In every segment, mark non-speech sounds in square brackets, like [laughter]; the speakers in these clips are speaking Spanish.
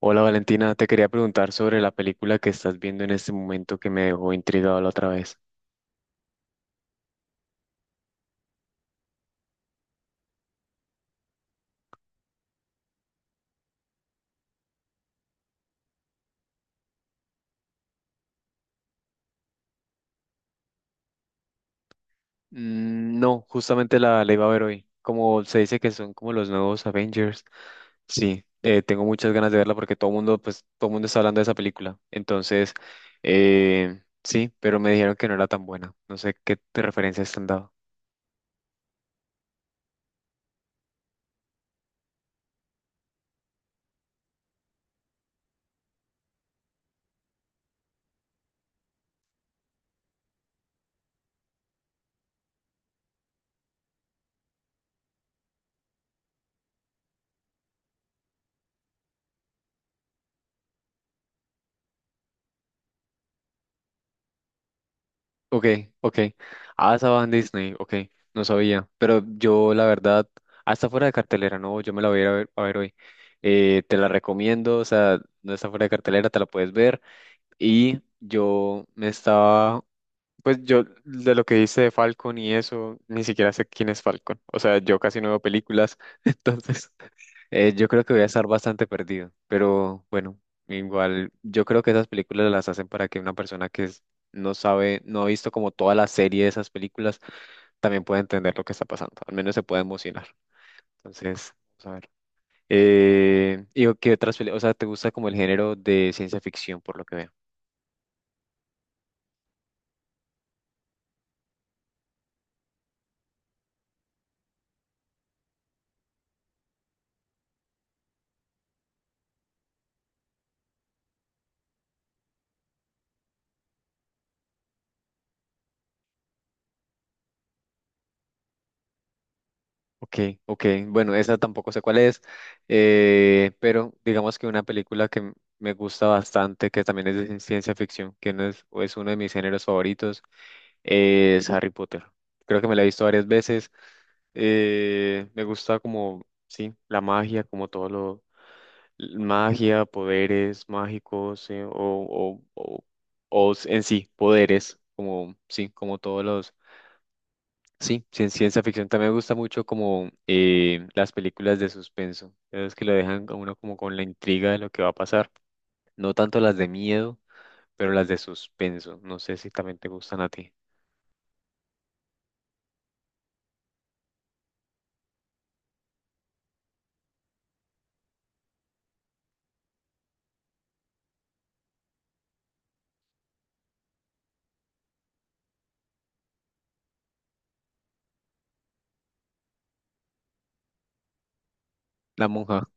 Hola Valentina, te quería preguntar sobre la película que estás viendo en este momento que me dejó intrigado la otra vez. No, justamente la iba a ver hoy. Como se dice que son como los nuevos Avengers. Sí, tengo muchas ganas de verla porque todo mundo, pues, todo mundo está hablando de esa película. Entonces, sí, pero me dijeron que no era tan buena. No sé qué te referencias te han dado. Ok, ok. Ah, estaba en Disney, ok. No sabía. Pero yo, la verdad, hasta fuera de cartelera, no, yo me la voy a ir a ver hoy. Te la recomiendo, o sea, no está fuera de cartelera, te la puedes ver. Y yo me estaba pues yo, de lo que dice de Falcon y eso, ni siquiera sé quién es Falcon. O sea, yo casi no veo películas, [laughs] entonces yo creo que voy a estar bastante perdido. Pero bueno, igual yo creo que esas películas las hacen para que una persona no sabe, no ha visto como toda la serie de esas películas, también pueda entender lo que está pasando. Al menos se pueda emocionar. Entonces, vamos a ver. ¿Y qué otras películas? O sea, ¿te gusta como el género de ciencia ficción, por lo que veo? Ok, ok. Bueno, esa tampoco sé cuál es, pero digamos que una película me gusta bastante, que también es de ciencia ficción, que no es, es uno de mis géneros favoritos, es Harry Potter. Creo que me la he visto varias veces. Me gusta como, sí, la magia, como todo lo, magia, poderes mágicos, en sí, poderes, como, sí, como todos los. Sí, sí, en ciencia ficción también me gusta mucho como las películas de suspenso. Es que lo dejan a uno como con la intriga de lo que va a pasar. No tanto las de miedo, pero las de suspenso. No sé si también te gustan a ti. La monja.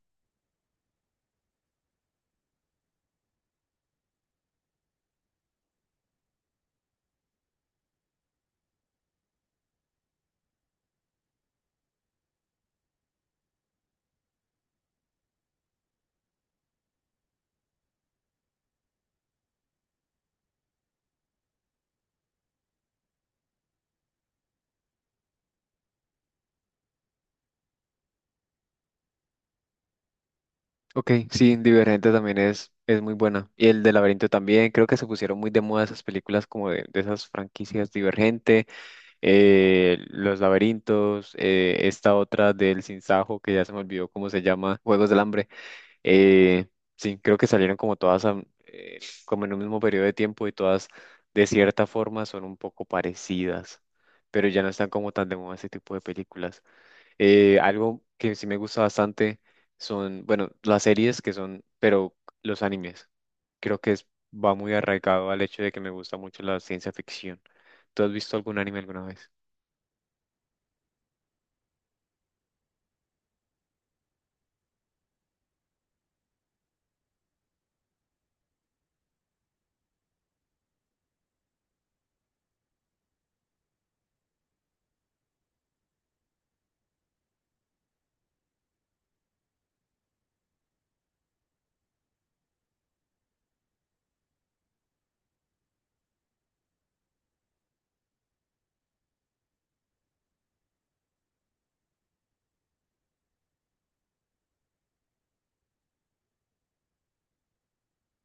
Ok, sí, Divergente también es muy buena. Y el de Laberinto también. Creo que se pusieron muy de moda esas películas como de esas franquicias Divergente, Los Laberintos, esta otra del Sinsajo que ya se me olvidó cómo se llama, Juegos del Hambre. Eh, sí, creo que salieron como todas como en un mismo periodo de tiempo y todas de cierta forma son un poco parecidas, pero ya no están como tan de moda ese tipo de películas. Algo que sí me gusta bastante son, bueno, las series que son, pero los animes. Creo que es, va muy arraigado al hecho de que me gusta mucho la ciencia ficción. ¿Tú has visto algún anime alguna vez?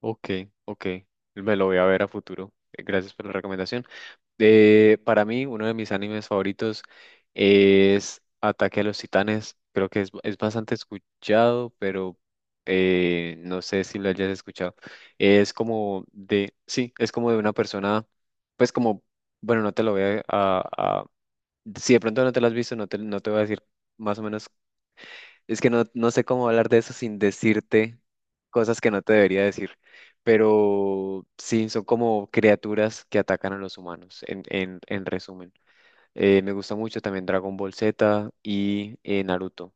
Ok, ok, me lo voy a ver a futuro. Gracias por la recomendación. De, para mí, uno de mis animes favoritos es Ataque a los Titanes. Creo que es bastante escuchado, pero no sé si lo hayas escuchado. Es como de, sí, es como de una persona, pues como, bueno, no te lo voy a si de pronto no te lo has visto, no te, no te voy a decir más o menos es que no, no sé cómo hablar de eso sin decirte cosas que no te debería decir, pero sí, son como criaturas que atacan a los humanos, en resumen. Me gusta mucho también Dragon Ball Z y Naruto.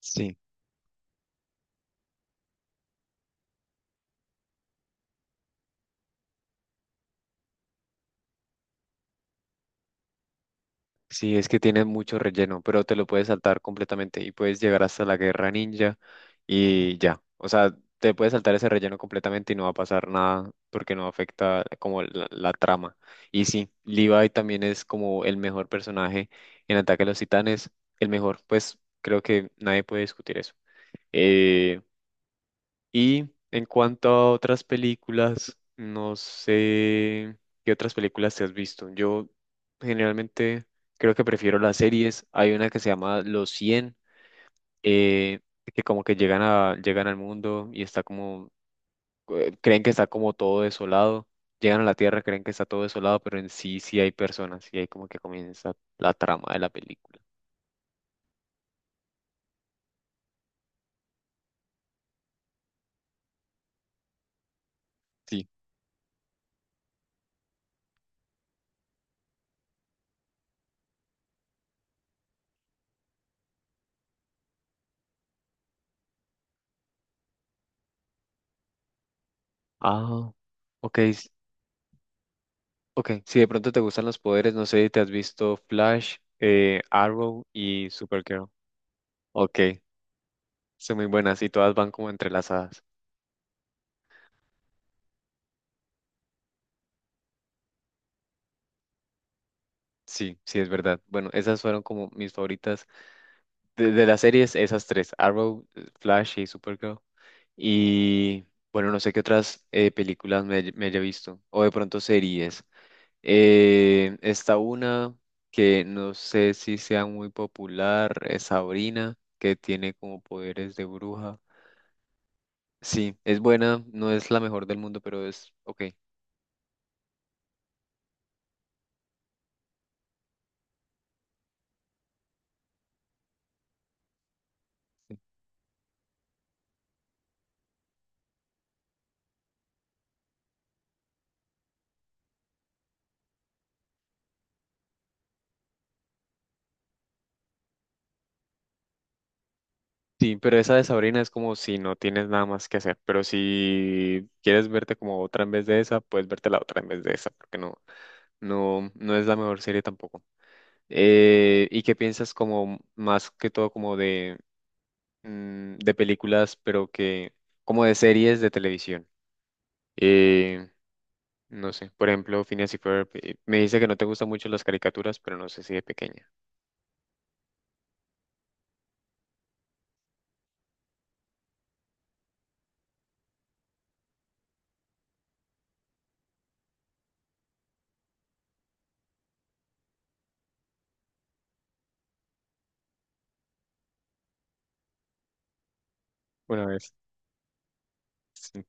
Sí. Sí, es que tiene mucho relleno, pero te lo puedes saltar completamente y puedes llegar hasta la guerra ninja y ya. O sea, te puedes saltar ese relleno completamente y no va a pasar nada porque no afecta como la trama. Y sí, Levi también es como el mejor personaje en Ataque a los Titanes, el mejor, pues creo que nadie puede discutir eso. Eh, y en cuanto a otras películas, no sé qué otras películas te has visto. Yo generalmente creo que prefiero las series. Hay una que se llama Los cien eh, que como que llegan a, llegan al mundo y está como, creen que está como todo desolado. Llegan a la Tierra, creen que está todo desolado, pero en sí sí hay personas y ahí como que comienza la trama de la película. Sí. Ah, ok. Ok, si de pronto te gustan los poderes, no sé si te has visto Flash, Arrow y Supergirl. Ok, son muy buenas y todas van como entrelazadas. Sí, sí, es verdad. Bueno, esas fueron como mis favoritas de las series, esas tres, Arrow, Flash y Supergirl. Y bueno, no sé qué otras películas me, haya visto o de pronto series. Esta una que no sé si sea muy popular, es Sabrina, que tiene como poderes de bruja. Sí, es buena, no es la mejor del mundo, pero es ok. Sí, pero esa de Sabrina es como si no tienes nada más que hacer, pero si quieres verte como otra en vez de esa, puedes verte la otra en vez de esa, porque no, no, no es la mejor serie tampoco. ¿Y qué piensas como más que todo como de, de películas, pero que como de series de televisión? Eh, no sé, por ejemplo, Phineas y Ferb, me dice que no te gustan mucho las caricaturas, pero no sé si de pequeña. Una vez. Sí.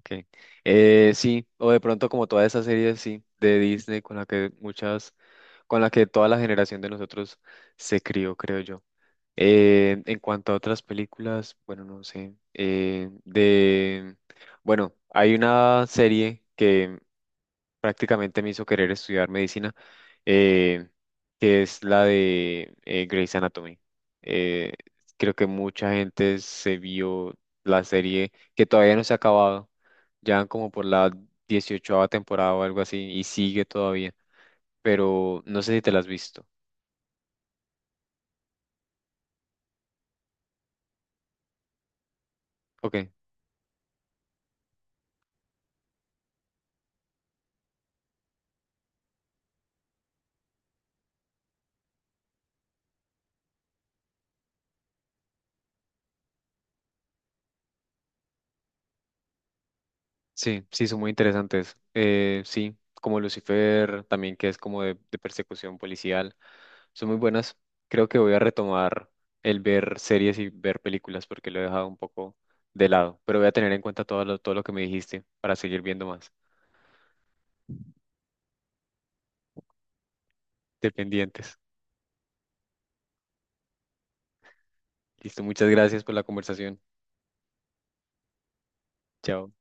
Okay. Sí, o de pronto como toda esa serie, sí, de Disney con la que muchas, con la que toda la generación de nosotros se crió, creo yo. En cuanto a otras películas, bueno, no sé, bueno, hay una serie que prácticamente me hizo querer estudiar medicina, eh, que es la de Grey's Anatomy. Eh, creo que mucha gente se vio la serie que todavía no se ha acabado, ya van como por la 18 temporada o algo así, y sigue todavía, pero no sé si te la has visto. Ok. Sí, sí, son muy interesantes. Sí, como Lucifer, también que es como de persecución policial, son muy buenas. Creo que voy a retomar el ver series y ver películas porque lo he dejado un poco de lado, pero voy a tener en cuenta todo lo que me dijiste para seguir viendo más. Dependientes. Listo, muchas gracias por la conversación. Chao.